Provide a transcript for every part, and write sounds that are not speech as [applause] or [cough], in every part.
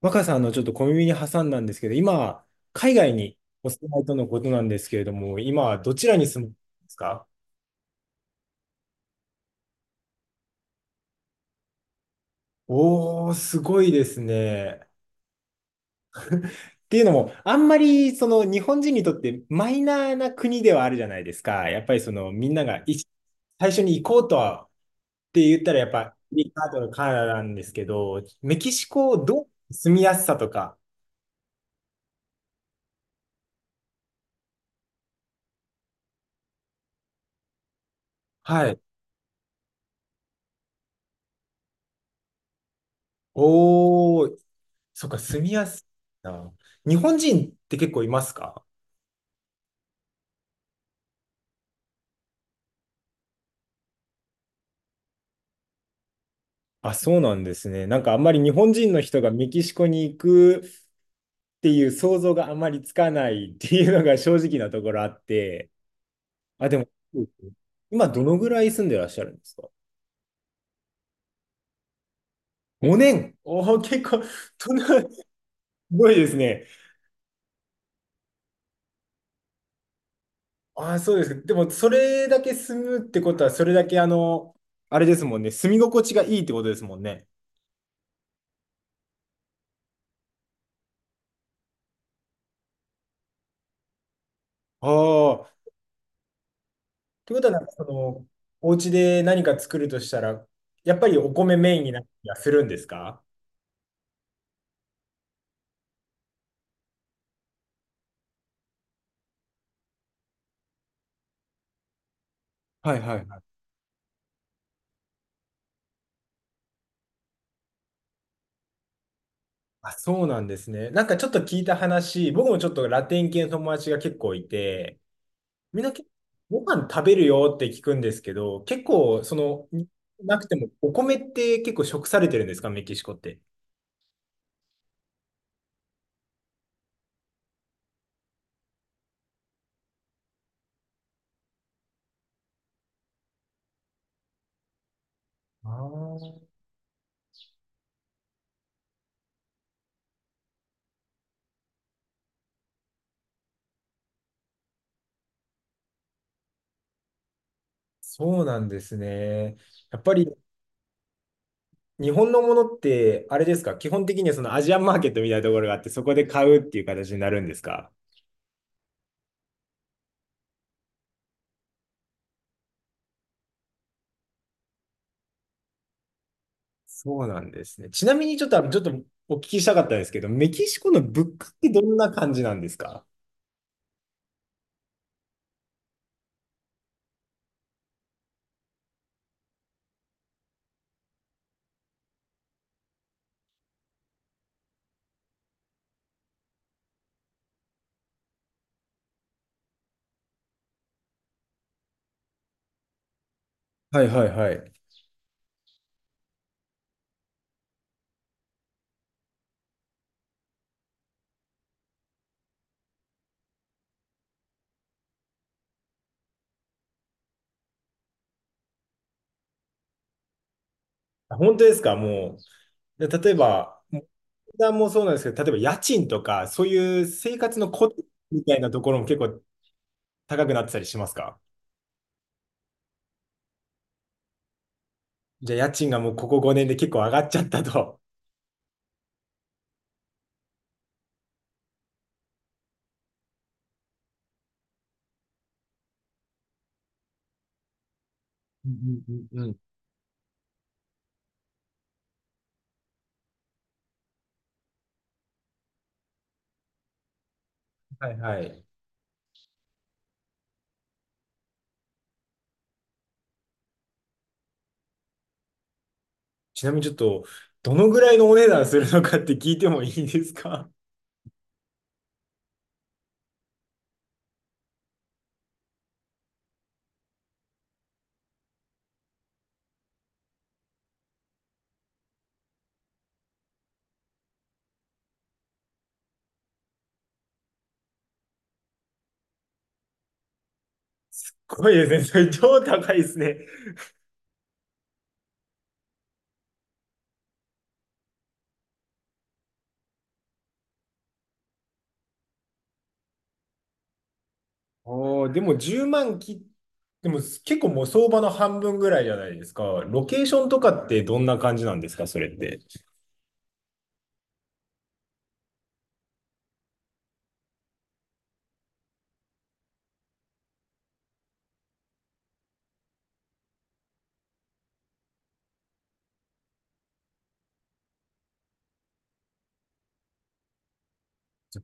若さんのちょっと小耳に挟んだんですけど、今、海外にお住まいとのことなんですけれども、今、どちらに住むんでますか？おー、すごいですね。っていうのも、あんまりその日本人にとってマイナーな国ではあるじゃないですか。やっぱりそのみんながい最初に行こうとはって言ったら、やっぱアメリカとかカナダなんですけど、メキシコどう住みやすさとか。はい。おー、そっか、住みやすさ。日本人って結構いますか？あ、そうなんですね。なんかあんまり日本人の人がメキシコに行くっていう想像があんまりつかないっていうのが正直なところあって。あ、でも、今どのぐらい住んでらっしゃるんですか？ 5 年。おお、結構、そんな、すごいですね。あ、そうです。でも、それだけ住むってことは、それだけあの、あれですもんね。住み心地がいいってことですもんね。ああ。ってことは、なんかその、お家で何か作るとしたら、やっぱりお米メインになったりはするんですか？はいはい。あ、そうなんですね。なんかちょっと聞いた話、僕もちょっとラテン系の友達が結構いて、みんな結構ご飯食べるよって聞くんですけど、結構その、なくてもお米って結構食されてるんですか、メキシコって。あー、そうなんですね。やっぱり日本のものってあれですか、基本的にはそのアジアンマーケットみたいなところがあって、そこで買うっていう形になるんですか？そうなんですね。ちなみにちょっと、ちょっとお聞きしたかったんですけど、メキシコの物価ってどんな感じなんですか？はいはいはい。本当ですかもう。で例えば、値段もそうなんですけど、例えば家賃とか、そういう生活のコツみたいなところも結構高くなってたりしますか？じゃあ家賃がもうここ5年で結構上がっちゃったと。うんうんうんうん。はいはい。ちなみにちょっと、どのぐらいのお値段するのかって聞いてもいいですか？すごいですね。それ超高いですね。おー、でも1万き、でも結構もう相場の半分ぐらいじゃないですか。ロケーションとかってどんな感じなんですか、それって。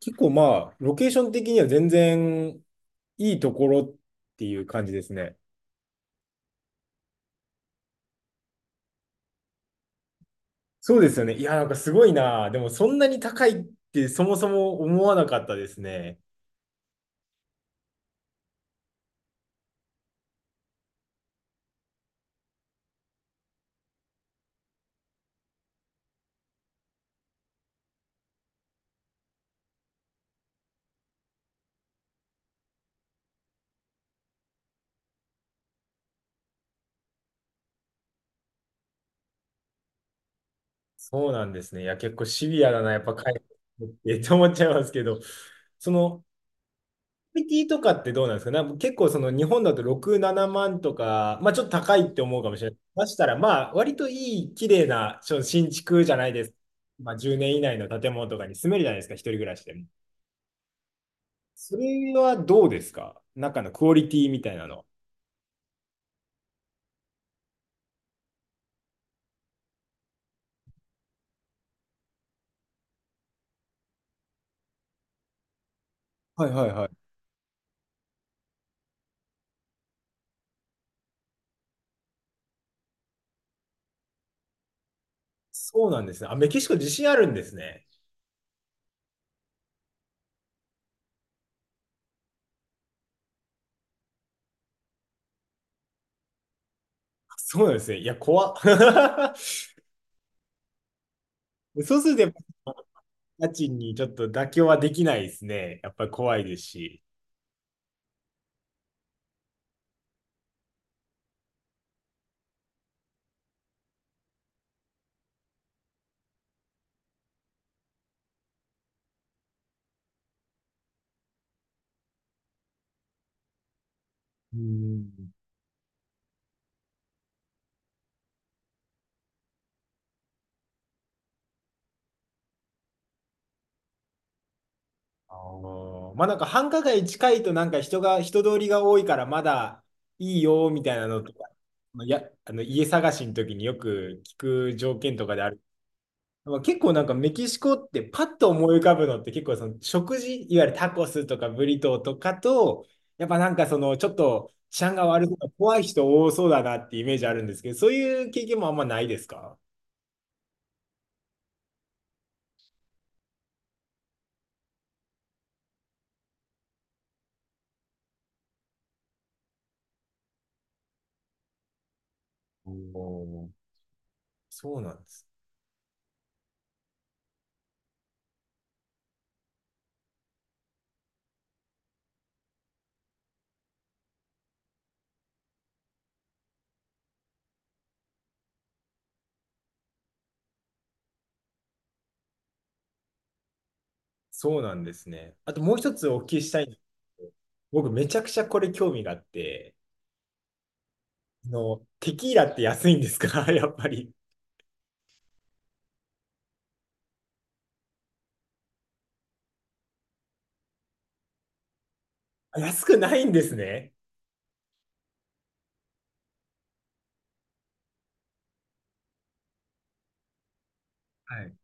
結構まあ、ロケーション的には全然いいところっていう感じですね。そうですよね。いや、なんかすごいな。でもそんなに高いってそもそも思わなかったですね。そうなんですね。いや、結構シビアだな、やっぱ海外ってって思っちゃいますけど、その、クオリティとかってどうなんですか？なんか結構その日本だと6、7万とか、まあちょっと高いって思うかもしれない。ましたら、まあ割といい、綺麗な新築じゃないです。まあ10年以内の建物とかに住めるじゃないですか、一人暮らしでも。それはどうですか？中のクオリティみたいなの。はいはいはい。そうなんですね。あ、メキシコ自信あるんですね。そうなんですね。いや、怖っ。[laughs] そうするとやっぱ家賃にちょっと妥協はできないですね。やっぱり怖いですし。うん。あー、まあなんか繁華街近いとなんか人が、人通りが多いからまだいいよみたいなのとか、いや、あの家探しの時によく聞く条件とかである。まあ結構なんかメキシコってパッと思い浮かぶのって結構その食事、いわゆるタコスとかブリトーとかと、やっぱなんかそのちょっと治安が悪そうな怖い人多そうだなってイメージあるんですけど、そういう経験もあんまないですか？おー、そうなんです。そうなんですね。あともう一つお聞きしたいんですけど、僕めちゃくちゃこれ興味があって、あの、テキーラって安いんですか？ [laughs] やっぱり。あ、安くないんですね。はい。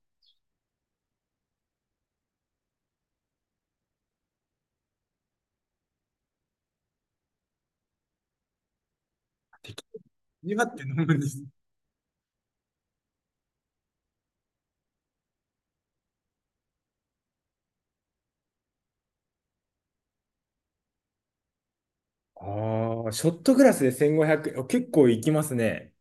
テキーラって飲むんです。ああ、ショットグラスで1500円。あ、結構いきますね。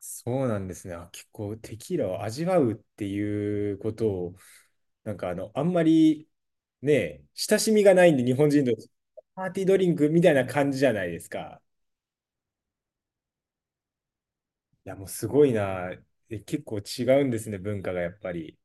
そうなんですね。あ、結構テキーラを味わうっていうことを、なんかあの、あんまりね、親しみがないんで、日本人とパーティードリンクみたいな感じじゃないですか。や、もうすごいな。え、結構違うんですね、文化がやっぱり。